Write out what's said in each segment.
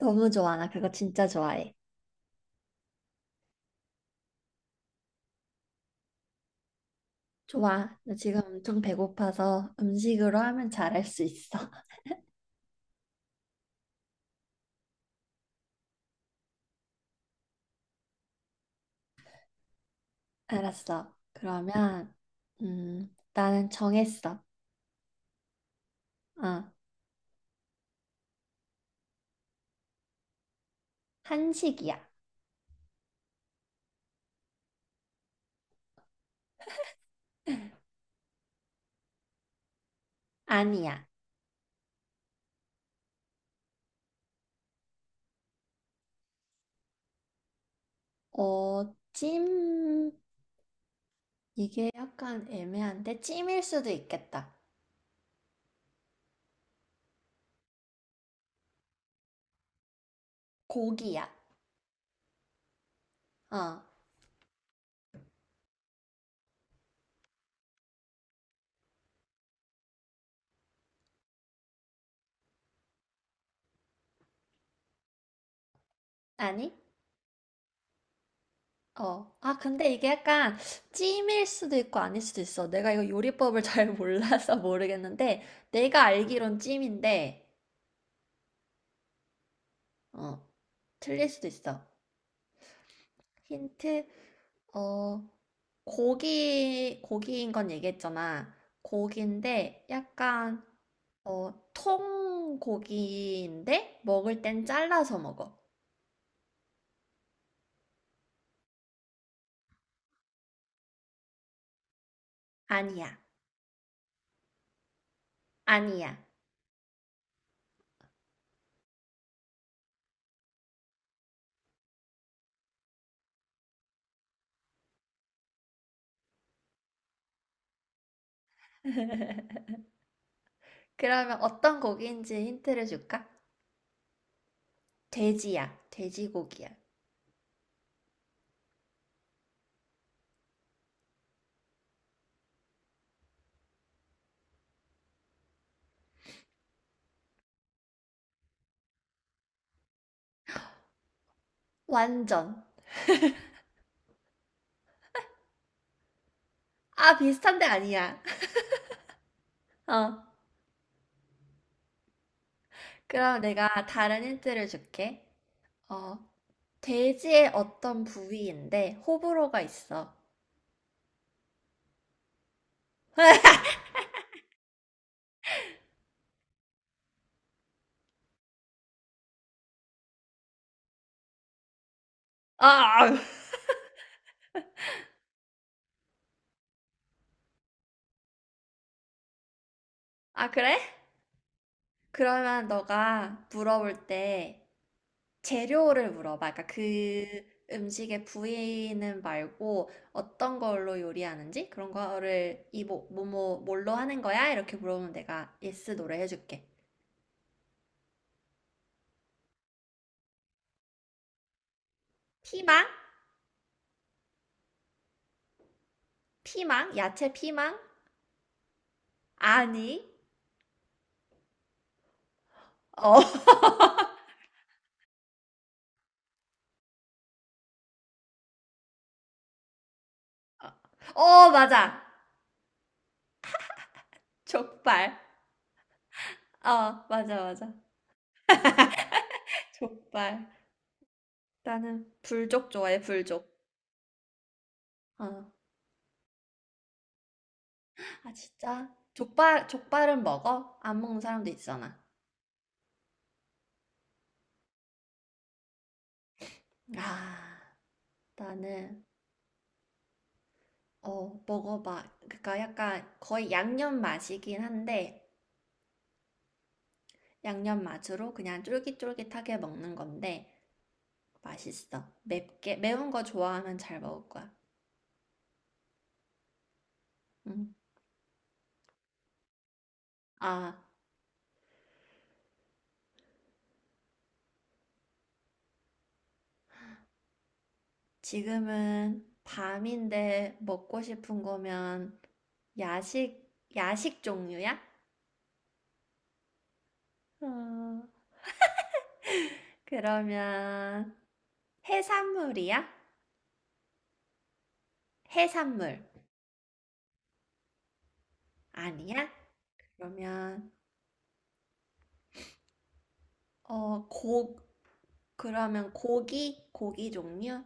너무 좋아. 나 그거 진짜 좋아해. 좋아. 나 지금 엄청 배고파서 음식으로 하면 잘 할 수 있어. 알았어. 그러면, 나는 정했어. 어, 한식이야. 아니야. 어, 찜, 이게 약간 애매한데, 찜일 수도 있겠다. 고기야. 어, 아니? 어, 아, 근데 이게 약간 찜일 수도 있고 아닐 수도 있어. 내가 이거 요리법을 잘 몰라서 모르겠는데, 내가 알기론 찜인데, 어, 틀릴 수도 있어. 힌트, 어, 고기, 고기인 건 얘기했잖아. 고기인데, 약간, 어, 통고기인데, 먹을 땐 잘라서 먹어. 아니야, 아니야. 그러면 어떤 고기인지 힌트를 줄까? 돼지야, 돼지고기야. 완전. 아, 비슷한데 아니야. 어, 그럼 내가 다른 힌트를 줄게. 어, 돼지의 어떤 부위인데 호불호가 있어. 아, 아, 그래? 그러면 너가 물어볼 때 재료를 물어봐. 그러니까 그 음식의 부위는 말고 어떤 걸로 요리하는지 그런 거를 이 뭘로 하는 거야? 이렇게 물어보면 내가 예스 노래 해줄게. 피망? 피망? 야채 피망? 아니. 어, 어, 맞아. 족발. 어, 맞아, 맞아. 족발. 나는 불족 좋아해, 불족. 어. 아, 진짜? 족발, 족발은 먹어? 안 먹는 사람도 있잖아. 아, 나는, 어, 먹어봐. 그러니까 약간 거의 양념 맛이긴 한데, 양념 맛으로 그냥 쫄깃쫄깃하게 먹는 건데, 맛있어. 맵게, 매운 거 좋아하면 잘 먹을 거야. 음. 아, 지금은 밤인데 먹고 싶은 거면 야식, 야식 종류야? 어, 그러면 해산물이야? 해산물 아니야? 그러면 어, 고 그러면 고기 종류?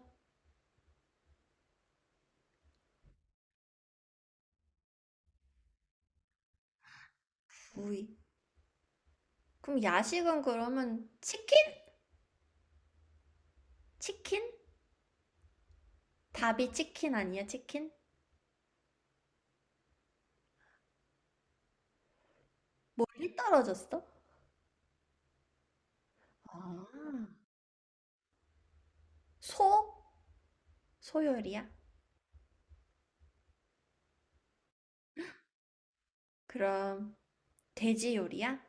구이. 그럼 야식은 그러면 치킨? 치킨? 답이 치킨 아니야, 치킨? 멀리 떨어졌어? 아, 소? 소 요리야? 그럼 돼지 요리야?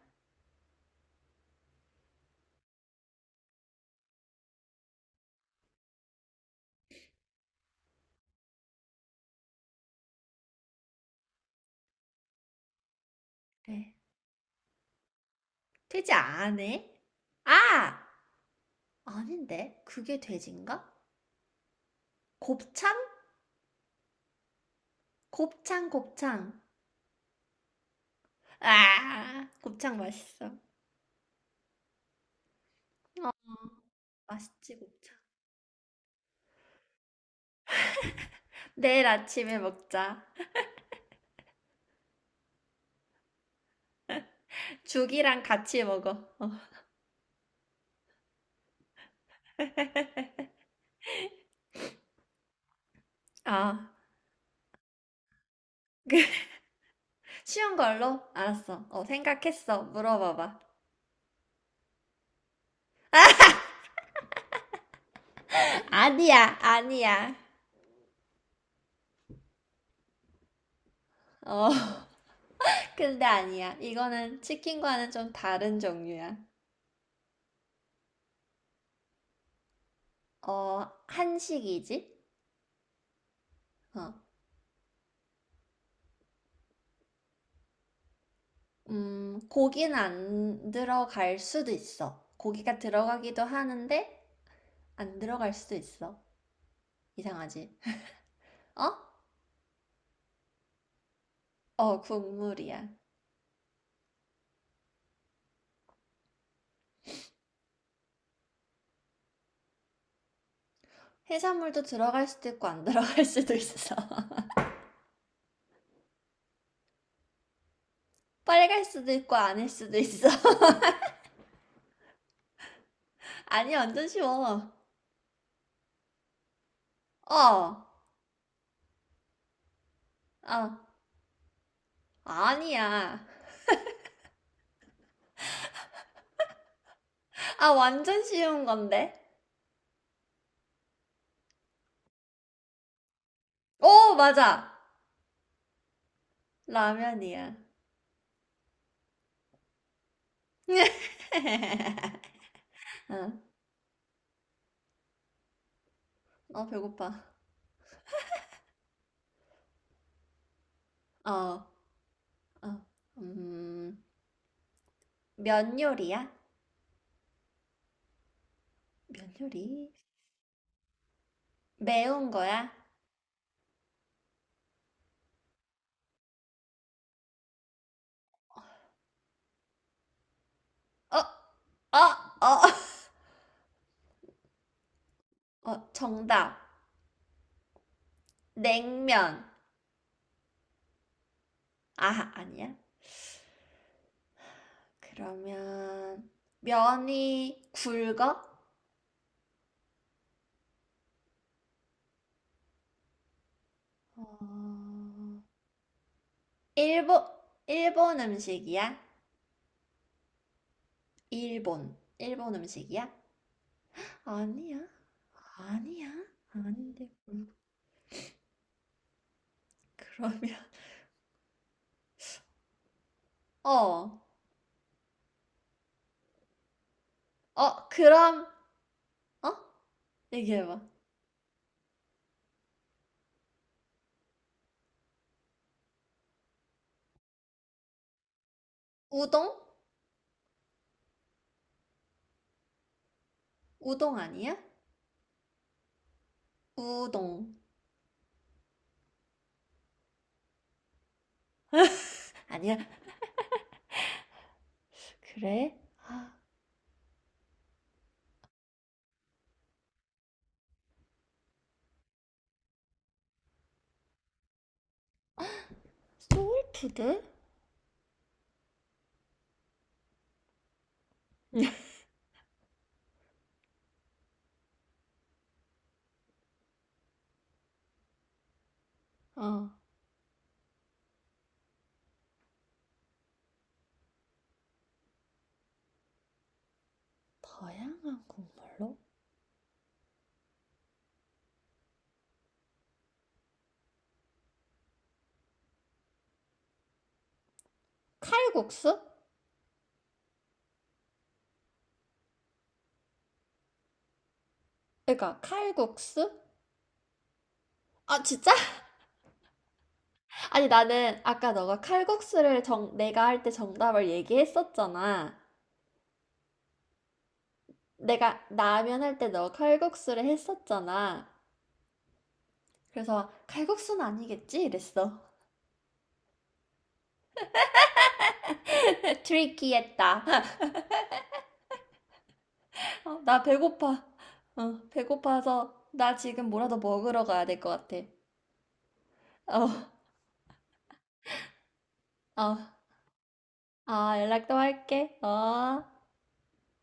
네. 돼지 안 해? 아! 아닌데. 그게 돼지인가? 곱창? 곱창. 아, 곱창 맛있어. 어, 맛있지, 곱창. 내일 아침에 먹자. 죽이랑 같이 먹어. 어. 아, 그, 쉬운 걸로? 알았어. 어, 생각했어. 물어봐봐. 아니야, 아니야. 어, 근데 아니야. 이거는 치킨과는 좀 다른 종류야. 어, 한식이지? 어, 고기는 안 들어갈 수도 있어. 고기가 들어가기도 하는데, 안 들어갈 수도 있어. 이상하지? 어? 어, 국물이야. 해산물도 들어갈 수도 있고 안 들어갈 수도 있어. 빨갈 수도 있고 아닐 수도 있어. 아니, 완전 쉬워. 어, 어. 아니야. 아, 완전 쉬운 건데. 오, 맞아. 라면이야. 어, 어, 배고파. 어, 어, 음, 면 요리야? 면 요리? 매운 거야? 어, 어, 어. 어, 정답. 냉면. 아, 아니야? 그러면 면이 굵어? 어, 일본, 일본 음식이야? 일본 음식이야? 아니야? 아니야? 아닌데, 그러면. 어, 어, 그럼, 어? 얘기해봐. 우동? 우동 아니야? 우동. 아니야? 그래? 아, 소울푸드? 어. 다양한 국물로? 칼국수? 그러니까 칼국수? 아, 진짜? 아니, 나는 아까 너가 칼국수를 내가 할 때 정답을 얘기했었잖아. 내가 라면 할 때 너 칼국수를 했었잖아. 그래서 칼국수는 아니겠지? 이랬어. 트리키했다. 어, 나 배고파. 어, 배고파서 나 지금 뭐라도 먹으러 가야 될 것 같아. 어, 어. 아, 연락 또 할게. 어.